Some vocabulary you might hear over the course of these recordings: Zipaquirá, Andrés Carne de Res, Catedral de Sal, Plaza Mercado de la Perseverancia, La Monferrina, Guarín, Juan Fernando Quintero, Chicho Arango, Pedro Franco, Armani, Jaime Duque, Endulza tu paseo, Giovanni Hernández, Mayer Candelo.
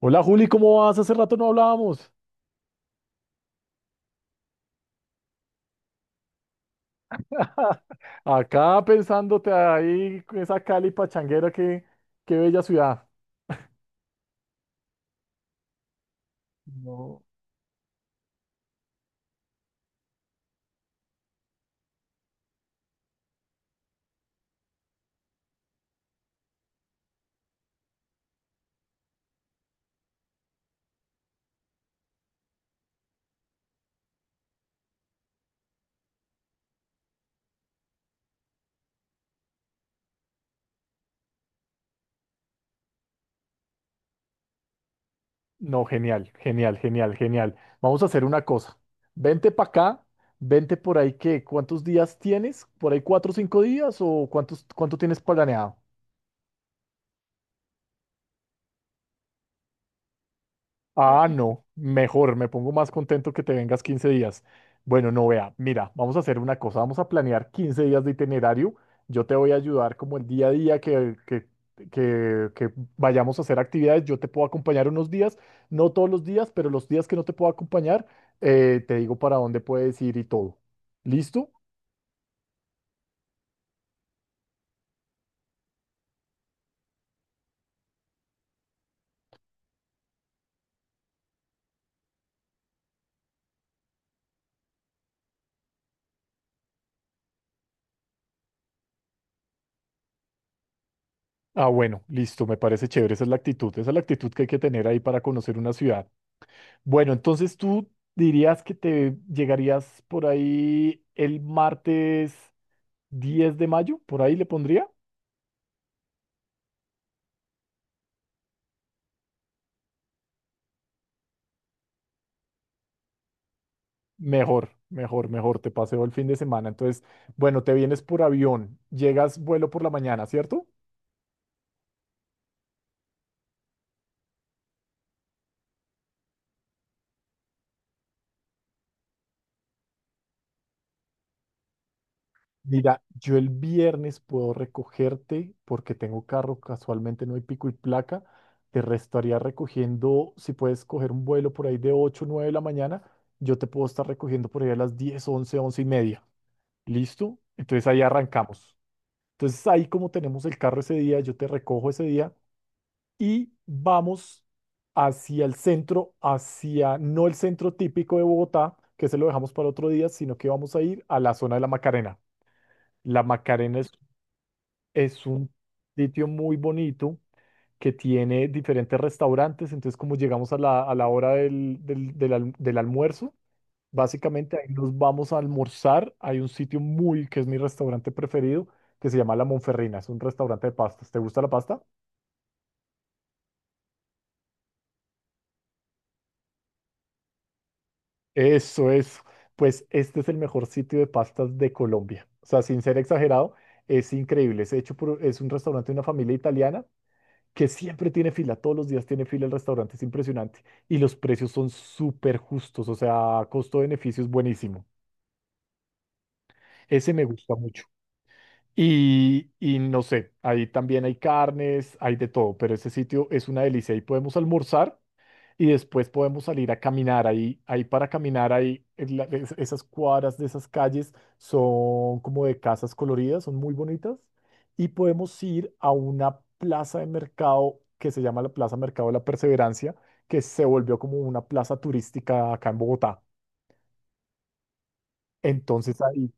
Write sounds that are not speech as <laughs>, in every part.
Hola Juli, ¿cómo vas? Hace rato no hablábamos. <laughs> Acá pensándote ahí, con esa Cali pachanguera, qué bella ciudad. No, no, genial, genial, genial, genial. Vamos a hacer una cosa. Vente para acá, vente por ahí, ¿qué? ¿Cuántos días tienes? ¿Por ahí cuatro o cinco días? ¿O cuánto tienes planeado? Ah, no, mejor, me pongo más contento que te vengas 15 días. Bueno, no vea, mira, vamos a hacer una cosa, vamos a planear 15 días de itinerario. Yo te voy a ayudar como el día a día que vayamos a hacer actividades. Yo te puedo acompañar unos días, no todos los días, pero los días que no te puedo acompañar, te digo para dónde puedes ir y todo. ¿Listo? Ah, bueno, listo, me parece chévere. Esa es la actitud, esa es la actitud que hay que tener ahí para conocer una ciudad. Bueno, entonces tú dirías que te llegarías por ahí el martes 10 de mayo, por ahí le pondría. Mejor, mejor, mejor, te paseo el fin de semana. Entonces, bueno, te vienes por avión, llegas vuelo por la mañana, ¿cierto? Mira, yo el viernes puedo recogerte porque tengo carro, casualmente no hay pico y placa. Te restaría recogiendo, si puedes coger un vuelo por ahí de 8 o 9 de la mañana, yo te puedo estar recogiendo por ahí a las 10 11 11 y media. ¿Listo? Entonces ahí arrancamos. Entonces ahí como tenemos el carro ese día, yo te recojo ese día y vamos hacia el centro, hacia no el centro típico de Bogotá, que se lo dejamos para otro día, sino que vamos a ir a la zona de la Macarena. La Macarena es un sitio muy bonito que tiene diferentes restaurantes, entonces como llegamos a la hora del del almuerzo. Básicamente ahí nos vamos a almorzar. Hay un sitio muy, que es mi restaurante preferido, que se llama La Monferrina. Es un restaurante de pastas. ¿Te gusta la pasta? Eso es. Pues este es el mejor sitio de pastas de Colombia. O sea, sin ser exagerado, es increíble. Es hecho por, es un restaurante de una familia italiana que siempre tiene fila. Todos los días tiene fila el restaurante. Es impresionante. Y los precios son súper justos. O sea, costo-beneficio es buenísimo. Ese me gusta mucho. Y no sé, ahí también hay carnes, hay de todo, pero ese sitio es una delicia. Ahí podemos almorzar y después podemos salir a caminar. Ahí para caminar, ahí en esas cuadras de esas calles son como de casas coloridas, son muy bonitas. Y podemos ir a una plaza de mercado que se llama la Plaza Mercado de la Perseverancia, que se volvió como una plaza turística acá en Bogotá. Entonces ahí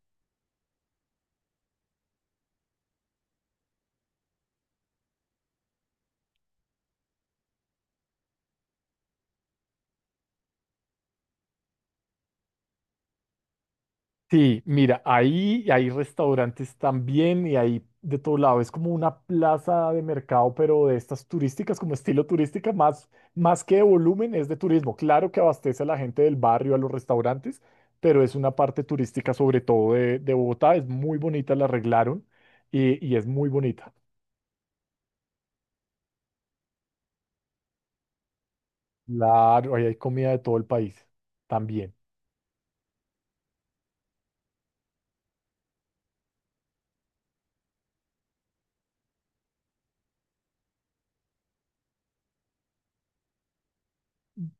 sí, mira, ahí hay restaurantes también y hay de todo lado. Es como una plaza de mercado, pero de estas turísticas, como estilo turística, más que de volumen, es de turismo. Claro que abastece a la gente del barrio, a los restaurantes, pero es una parte turística sobre todo de Bogotá. Es muy bonita, la arreglaron y es muy bonita. Claro, ahí hay comida de todo el país también.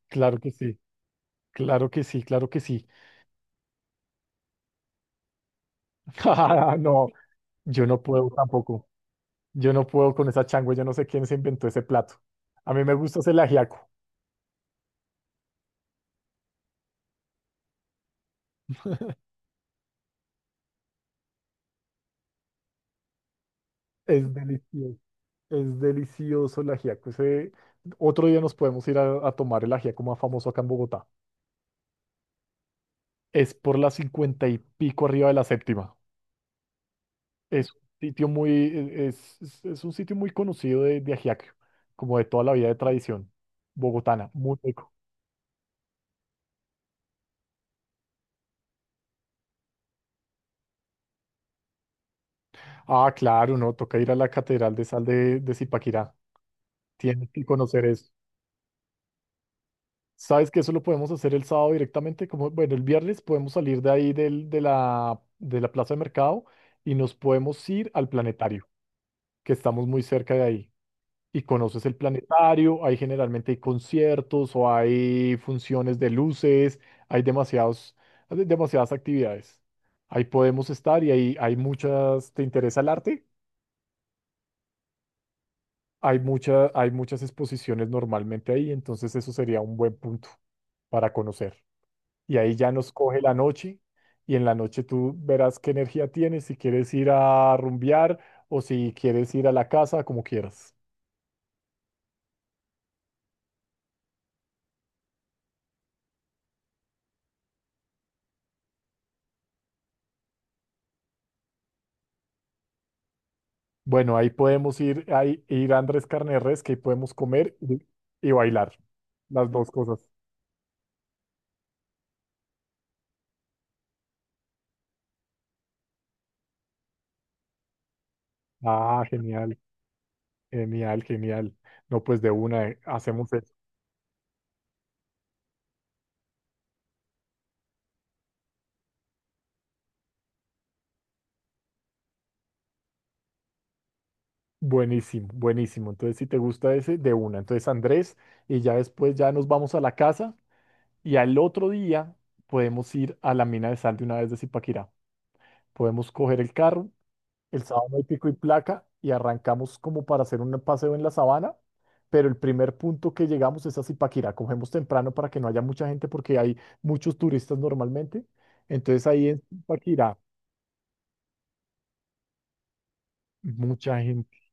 Claro que sí, claro que sí, claro que sí. <laughs> No, yo no puedo tampoco. Yo no puedo con esa changua, yo no sé quién se inventó ese plato. A mí me gusta ese ajiaco, es delicioso, es delicioso el ajiaco. Ese… Otro día nos podemos ir a tomar el ajiaco más famoso acá en Bogotá. Es por la cincuenta y pico arriba de la séptima. Es un sitio muy, e- es un sitio muy conocido de ajiaco, como de toda la vida de tradición bogotana, muy rico. Ah, claro, no, toca ir a la Catedral de Sal de Zipaquirá. Tienes que conocer eso. ¿Sabes que eso lo podemos hacer el sábado directamente? Como, bueno, el viernes podemos salir de ahí de la plaza de mercado y nos podemos ir al planetario, que estamos muy cerca de ahí. Y conoces el planetario, ahí generalmente hay conciertos o hay funciones de luces, hay demasiados, hay demasiadas actividades. Ahí podemos estar y ahí hay muchas, ¿te interesa el arte? Hay mucha, hay muchas exposiciones normalmente ahí, entonces eso sería un buen punto para conocer. Y ahí ya nos coge la noche y en la noche tú verás qué energía tienes, si quieres ir a rumbear o si quieres ir a la casa, como quieras. Bueno, ahí podemos ir a Andrés Carne de Res, que ahí podemos comer y bailar, las dos cosas. Ah, genial, genial, genial. No, pues de una, hacemos eso. Buenísimo, buenísimo. Entonces, si te gusta ese, de una. Entonces, Andrés, y ya después ya nos vamos a la casa y al otro día podemos ir a la mina de sal de una vez de Zipaquirá. Podemos coger el carro, el sábado no hay pico y placa y arrancamos como para hacer un paseo en la sabana, pero el primer punto que llegamos es a Zipaquirá. Cogemos temprano para que no haya mucha gente porque hay muchos turistas normalmente. Entonces ahí en Zipaquirá, mucha gente.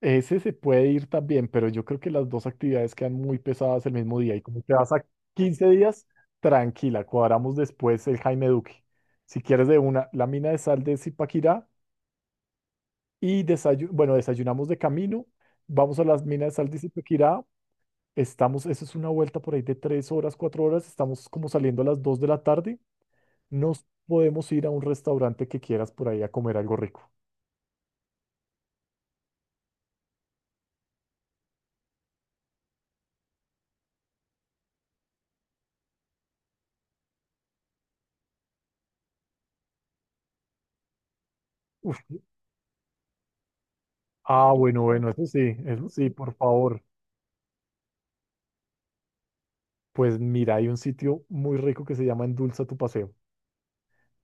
Ese se puede ir también, pero yo creo que las dos actividades quedan muy pesadas el mismo día y como te vas a 15 días, tranquila, cuadramos después el Jaime Duque. Si quieres de una, la mina de sal de Zipaquirá. Y bueno, desayunamos de camino, vamos a las minas de sal de Zipaquirá, estamos, eso es una vuelta por ahí de tres horas, cuatro horas, estamos como saliendo a las dos de la tarde, nos podemos ir a un restaurante que quieras por ahí a comer algo rico. Uf, ah, bueno, bueno, eso sí, por favor. Pues mira, hay un sitio muy rico que se llama Endulza tu paseo.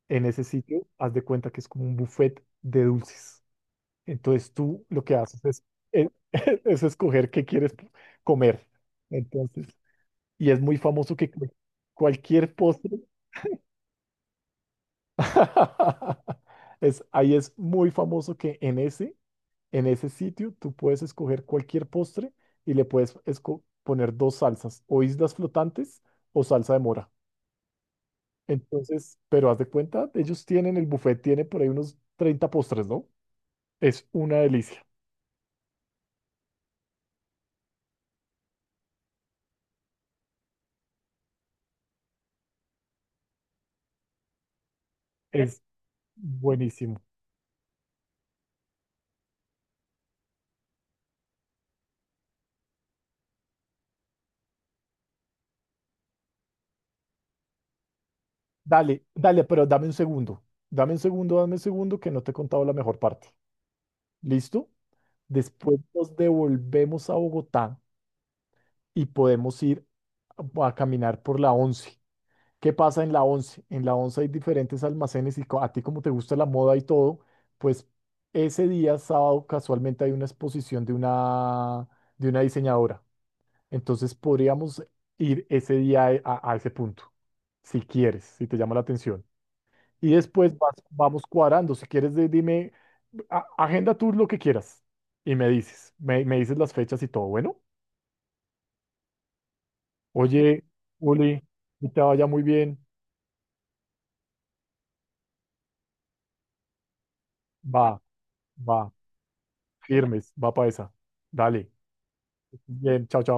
En ese sitio, haz de cuenta que es como un buffet de dulces. Entonces tú lo que haces es, eh, <laughs> es escoger qué quieres comer. Entonces, y es muy famoso cualquier postre, <laughs> es, ahí es muy famoso que en en ese sitio tú puedes escoger cualquier postre y le puedes poner dos salsas, o islas flotantes o salsa de mora. Entonces, pero haz de cuenta, ellos tienen, el buffet tiene por ahí unos 30 postres, ¿no? Es una delicia, es buenísimo. Dale, dale, pero dame un segundo, dame un segundo que no te he contado la mejor parte. ¿Listo? Después nos devolvemos a Bogotá y podemos ir a caminar por la once. ¿Qué pasa en la once? En la 11 hay diferentes almacenes y a ti como te gusta la moda y todo, pues ese día, sábado, casualmente hay una exposición de de una diseñadora. Entonces podríamos ir ese día a ese punto, si quieres, si te llama la atención. Y después vamos cuadrando. Si quieres, dime, agenda tú lo que quieras y me dices, me dices las fechas y todo, bueno. Oye, Uli, que te vaya muy bien. Va, va, firmes, va para esa. Dale. Bien, chao, chao.